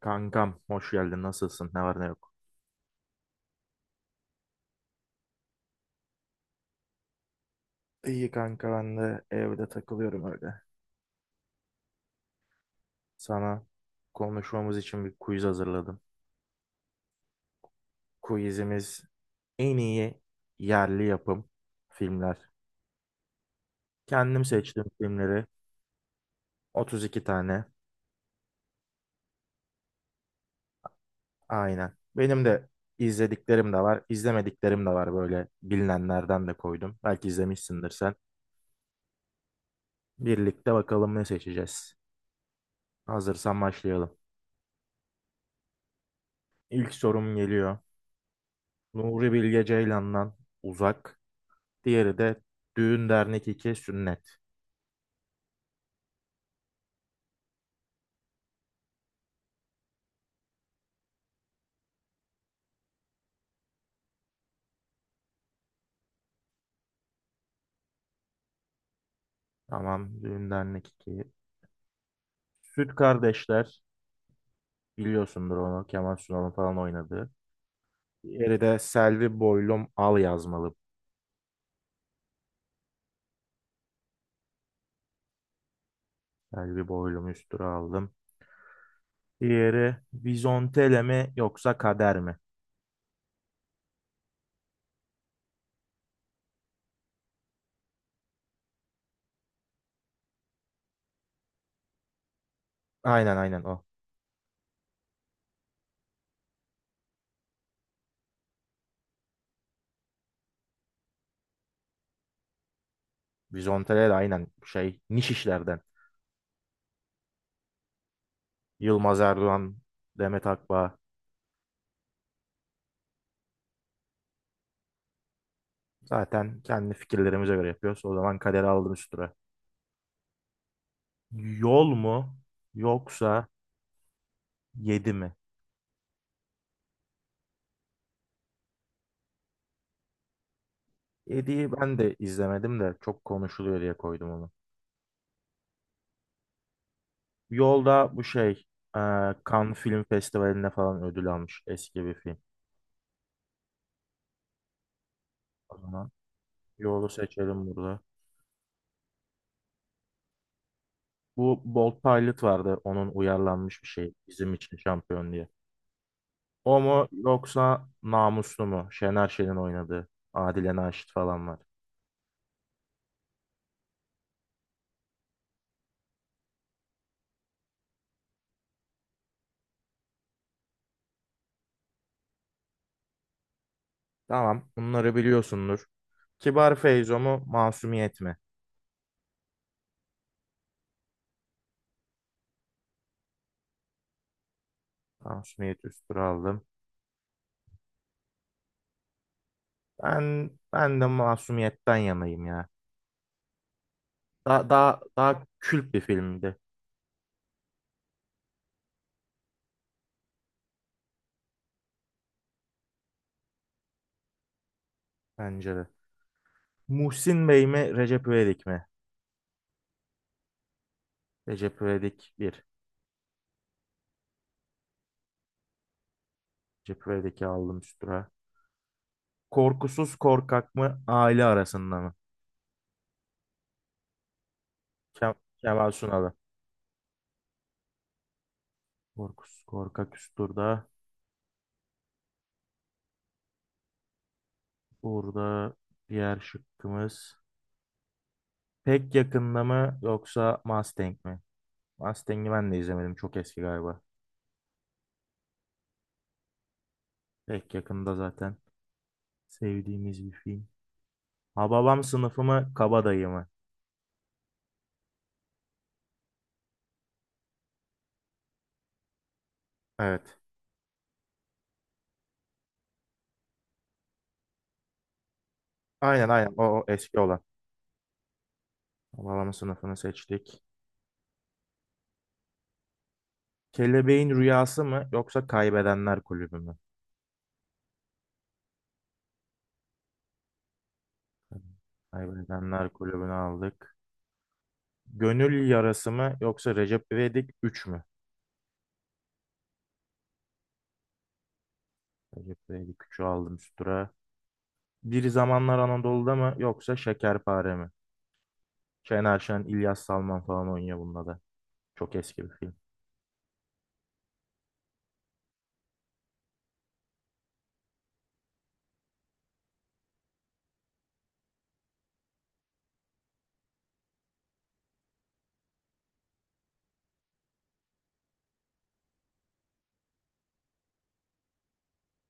Kankam, hoş geldin. Nasılsın, ne var ne yok? İyi kanka, ben de evde takılıyorum öyle. Sana konuşmamız için bir quiz hazırladım. Quizimiz en iyi yerli yapım filmler. Kendim seçtim filmleri 32 tane. Aynen. Benim de izlediklerim de var, izlemediklerim de var, böyle bilinenlerden de koydum. Belki izlemişsindir sen. Birlikte bakalım ne seçeceğiz. Hazırsan başlayalım. İlk sorum geliyor. Nuri Bilge Ceylan'dan Uzak. Diğeri de düğün dernek iki sünnet. Tamam, düğün dernek iki. Süt Kardeşler, biliyorsundur onu, Kemal Sunal'ın falan oynadığı. Diğeri de Selvi Boylum Al yazmalı. Selvi Boylum üstüne aldım. Diğeri Vizontele mi yoksa Kader mi? Aynen aynen o. Vizontele de aynen şey, niş işlerden. Yılmaz Erdoğan, Demet Akbağ. Zaten kendi fikirlerimize göre yapıyoruz. O zaman Kader'i aldım üstüne. Yol mu yoksa 7 mi? 7'yi ben de izlemedim de çok konuşuluyor diye koydum onu. Yolda bu şey e, Cannes Film Festivali'nde falan ödül almış eski bir film. O zaman Yol'u seçelim burada. Bu Bold Pilot vardı, onun uyarlanmış bir şey bizim için şampiyon diye. O mu yoksa Namuslu mu? Şener Şen'in oynadığı, Adile Naşit falan var. Tamam, bunları biliyorsundur. Kibar Feyzo mu Masumiyet mi? Masumiyet üstüne aldım. Ben de Masumiyet'ten yanayım ya. Daha kült bir filmdi bence de. Muhsin Bey mi Recep İvedik mi? Recep İvedik bir. Recep İvedik'i aldım üstüne. Korkusuz Korkak mı Aile Arasında mı? Kemal Sunal'ı. Korkusuz Korkak üst turda. Burada diğer şıkkımız. Pek yakında mı yoksa Mustang mi? Mustang'i ben de izlemedim. Çok eski galiba. Pek yakında zaten sevdiğimiz bir film. Hababam sınıfı mı Kabadayı mı? Evet. Aynen aynen o, o eski olan. Alabama sınıfını seçtik. Kelebeğin Rüyası mı yoksa Kaybedenler Kulübü mü? Kaybedenler Kulübü'nü aldık. Gönül Yarası mı yoksa Recep İvedik üç mü? Recep İvedik üçü aldım üst tura. Bir Zamanlar Anadolu'da mı yoksa Şekerpare mi? Şener Şen, İlyas Salman falan oynuyor bunda da. Çok eski bir film.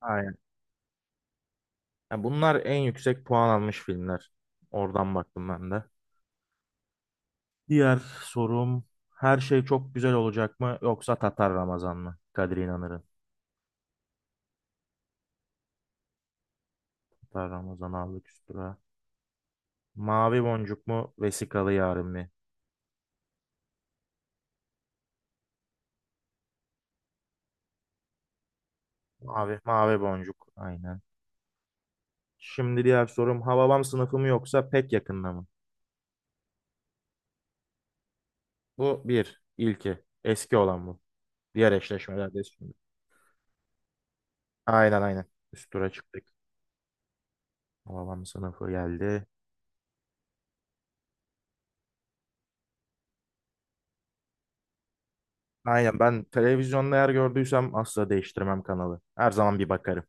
Aynen. Ya bunlar en yüksek puan almış filmler. Oradan baktım ben de. Diğer sorum, her şey çok güzel olacak mı yoksa Tatar Ramazan mı? Kadir İnanır'ın. Hatta Ramazan aldık üstüne. Mavi boncuk mu? Vesikalı yarın mı? Mavi boncuk. Aynen. Şimdi diğer sorum. Hababam sınıfı mı yoksa pek yakında mı? Bu bir, ilki. Eski olan bu. Diğer eşleşmelerde şimdi. Aynen aynen. Üst tura çıktık. Hababam sınıfı geldi. Aynen, ben televizyonda eğer gördüysem asla değiştirmem kanalı. Her zaman bir bakarım.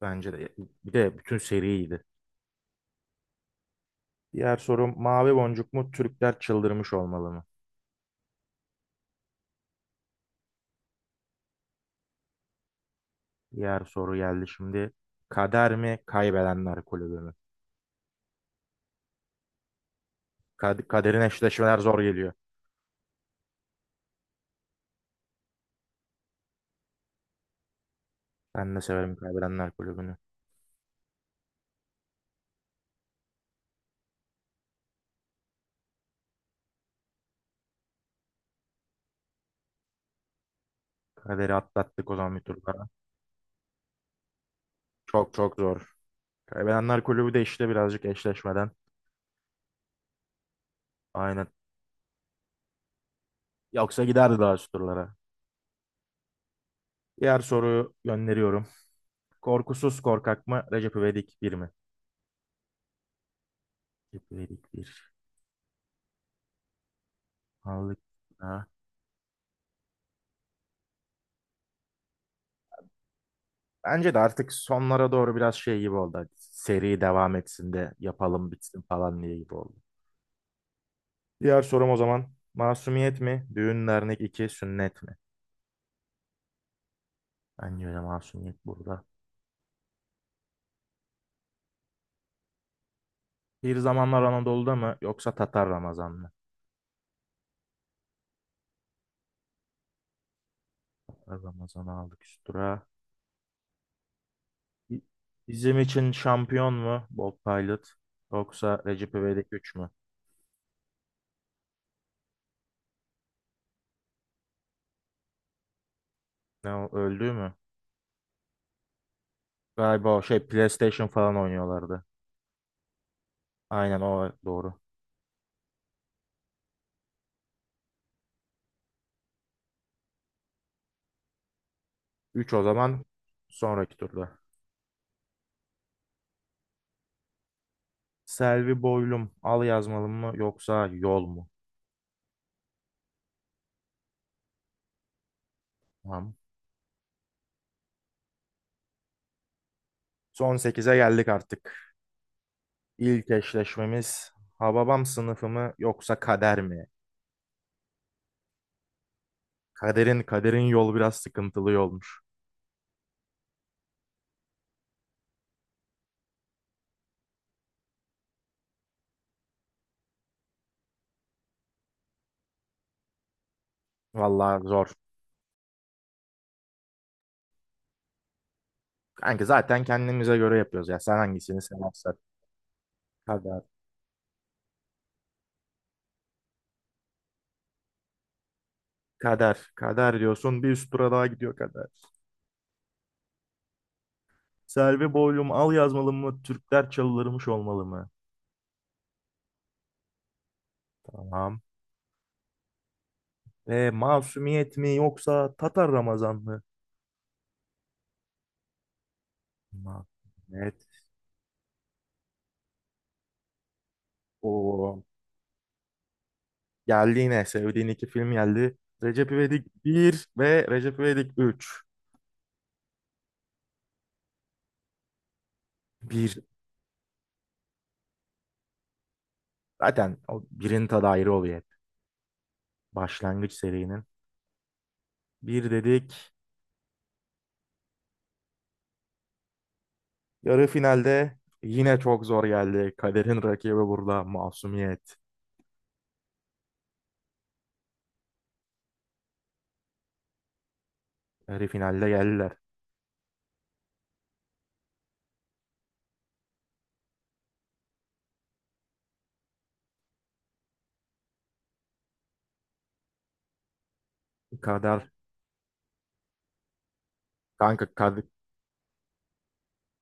Bence de. Bir de bütün seriydi. Diğer sorum, mavi boncuk mu Türkler çıldırmış olmalı mı? Diğer soru geldi şimdi. Kader mi kaybedenler kulübü mü? Kaderin eşleşmeler zor geliyor. Ben de severim kaybedenler kulübünü. Kaderi atlattık o zaman bir tur daha. Çok çok zor. Kaybedenler kulübü de işte birazcık eşleşmeden. Aynen. Yoksa giderdi daha üst turlara. Diğer soruyu gönderiyorum. Korkusuz korkak mı? Recep İvedik bir mi? Recep İvedik bir. Aldık. Ha. Bence de artık sonlara doğru biraz şey gibi oldu. Hadi seri devam etsin de yapalım bitsin falan diye gibi oldu. Diğer sorum o zaman. Masumiyet mi? Düğün dernek 2 sünnet mi? Bence de masumiyet burada. Bir zamanlar Anadolu'da mı yoksa Tatar Ramazan mı? Tatar Ramazan'ı aldık üstüra. Bi- Bizim için şampiyon mu? Bob Pilot yoksa Recep İvedik 3 mü? Ne o, öldü mü? Galiba o şey PlayStation falan oynuyorlardı. Aynen o doğru. 3 o zaman sonraki turda. Selvi Boylum al yazmalım mı yoksa yol mu? Tamam. Son sekize geldik artık. İlk eşleşmemiz Hababam sınıfı mı yoksa kader mi? Kaderin yol biraz sıkıntılı yolmuş. Vallahi zor. Kanka zaten kendimize göre yapıyoruz ya. Sen hangisini seversen. Kader. Kader. Kader diyorsun. Bir üst tura daha gidiyor kader. Selvi Boylum al yazmalı mı? Türkler çalılırmış olmalı mı? Tamam. E, Masumiyet mi yoksa Tatar Ramazan mı? Masumiyet. O geldi yine. Sevdiğin iki film geldi. Recep İvedik bir ve Recep İvedik üç. Bir, zaten o birinin tadı ayrı oluyor hep. Başlangıç serinin. Bir dedik. Yarı finalde yine çok zor geldi. Kader'in rakibi burada Masumiyet. Yarı finalde geldiler. Kader kanka, Kader,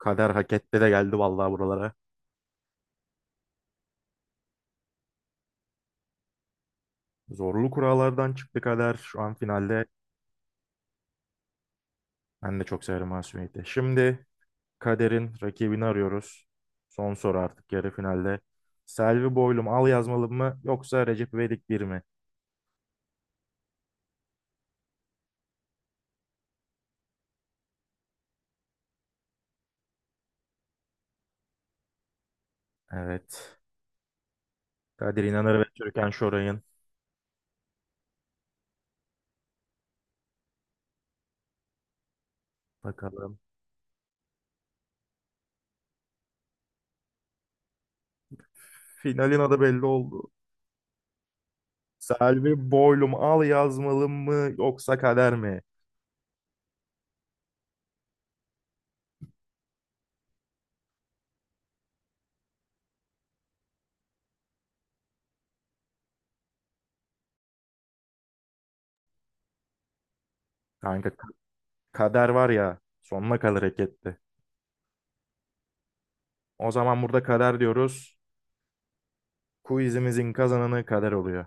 Kader hak etti de geldi vallahi buralara. Zorlu kurallardan çıktı Kader. Şu an finalde, ben de çok severim Masumiyet'i. Şimdi Kader'in rakibini arıyoruz. Son soru artık yarı finalde. Selvi Boylum al yazmalı mı yoksa Recep İvedik bir mi? Evet. Kadir İnanır ve Türkan Şoray'ın. Bakalım. Finalin adı belli oldu. Selvi Boylum al yazmalı mı yoksa kader mi? Kanka, kader var ya sonuna kalır, hak etti. O zaman burada kader diyoruz. Quizimizin kazananı kader oluyor.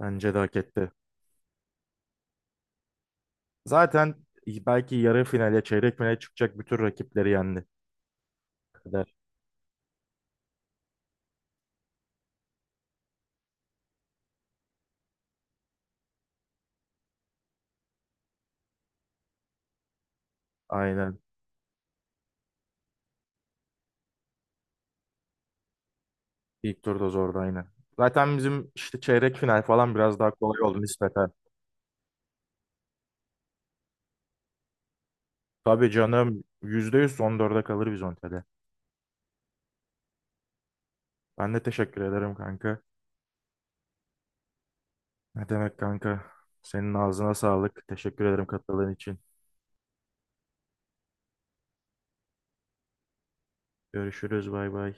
Bence de hak etti. Zaten belki yarı finale, çeyrek finale çıkacak bütün rakipleri yendi. Kader. Aynen. İlk turda zordu aynen. Zaten bizim işte çeyrek final falan biraz daha kolay oldu nispeten. Tabii canım %100 son dörde kalır biz Ontel'e. Ben de teşekkür ederim kanka. Ne demek kanka? Senin ağzına sağlık. Teşekkür ederim katıldığın için. Görüşürüz. Bay bay.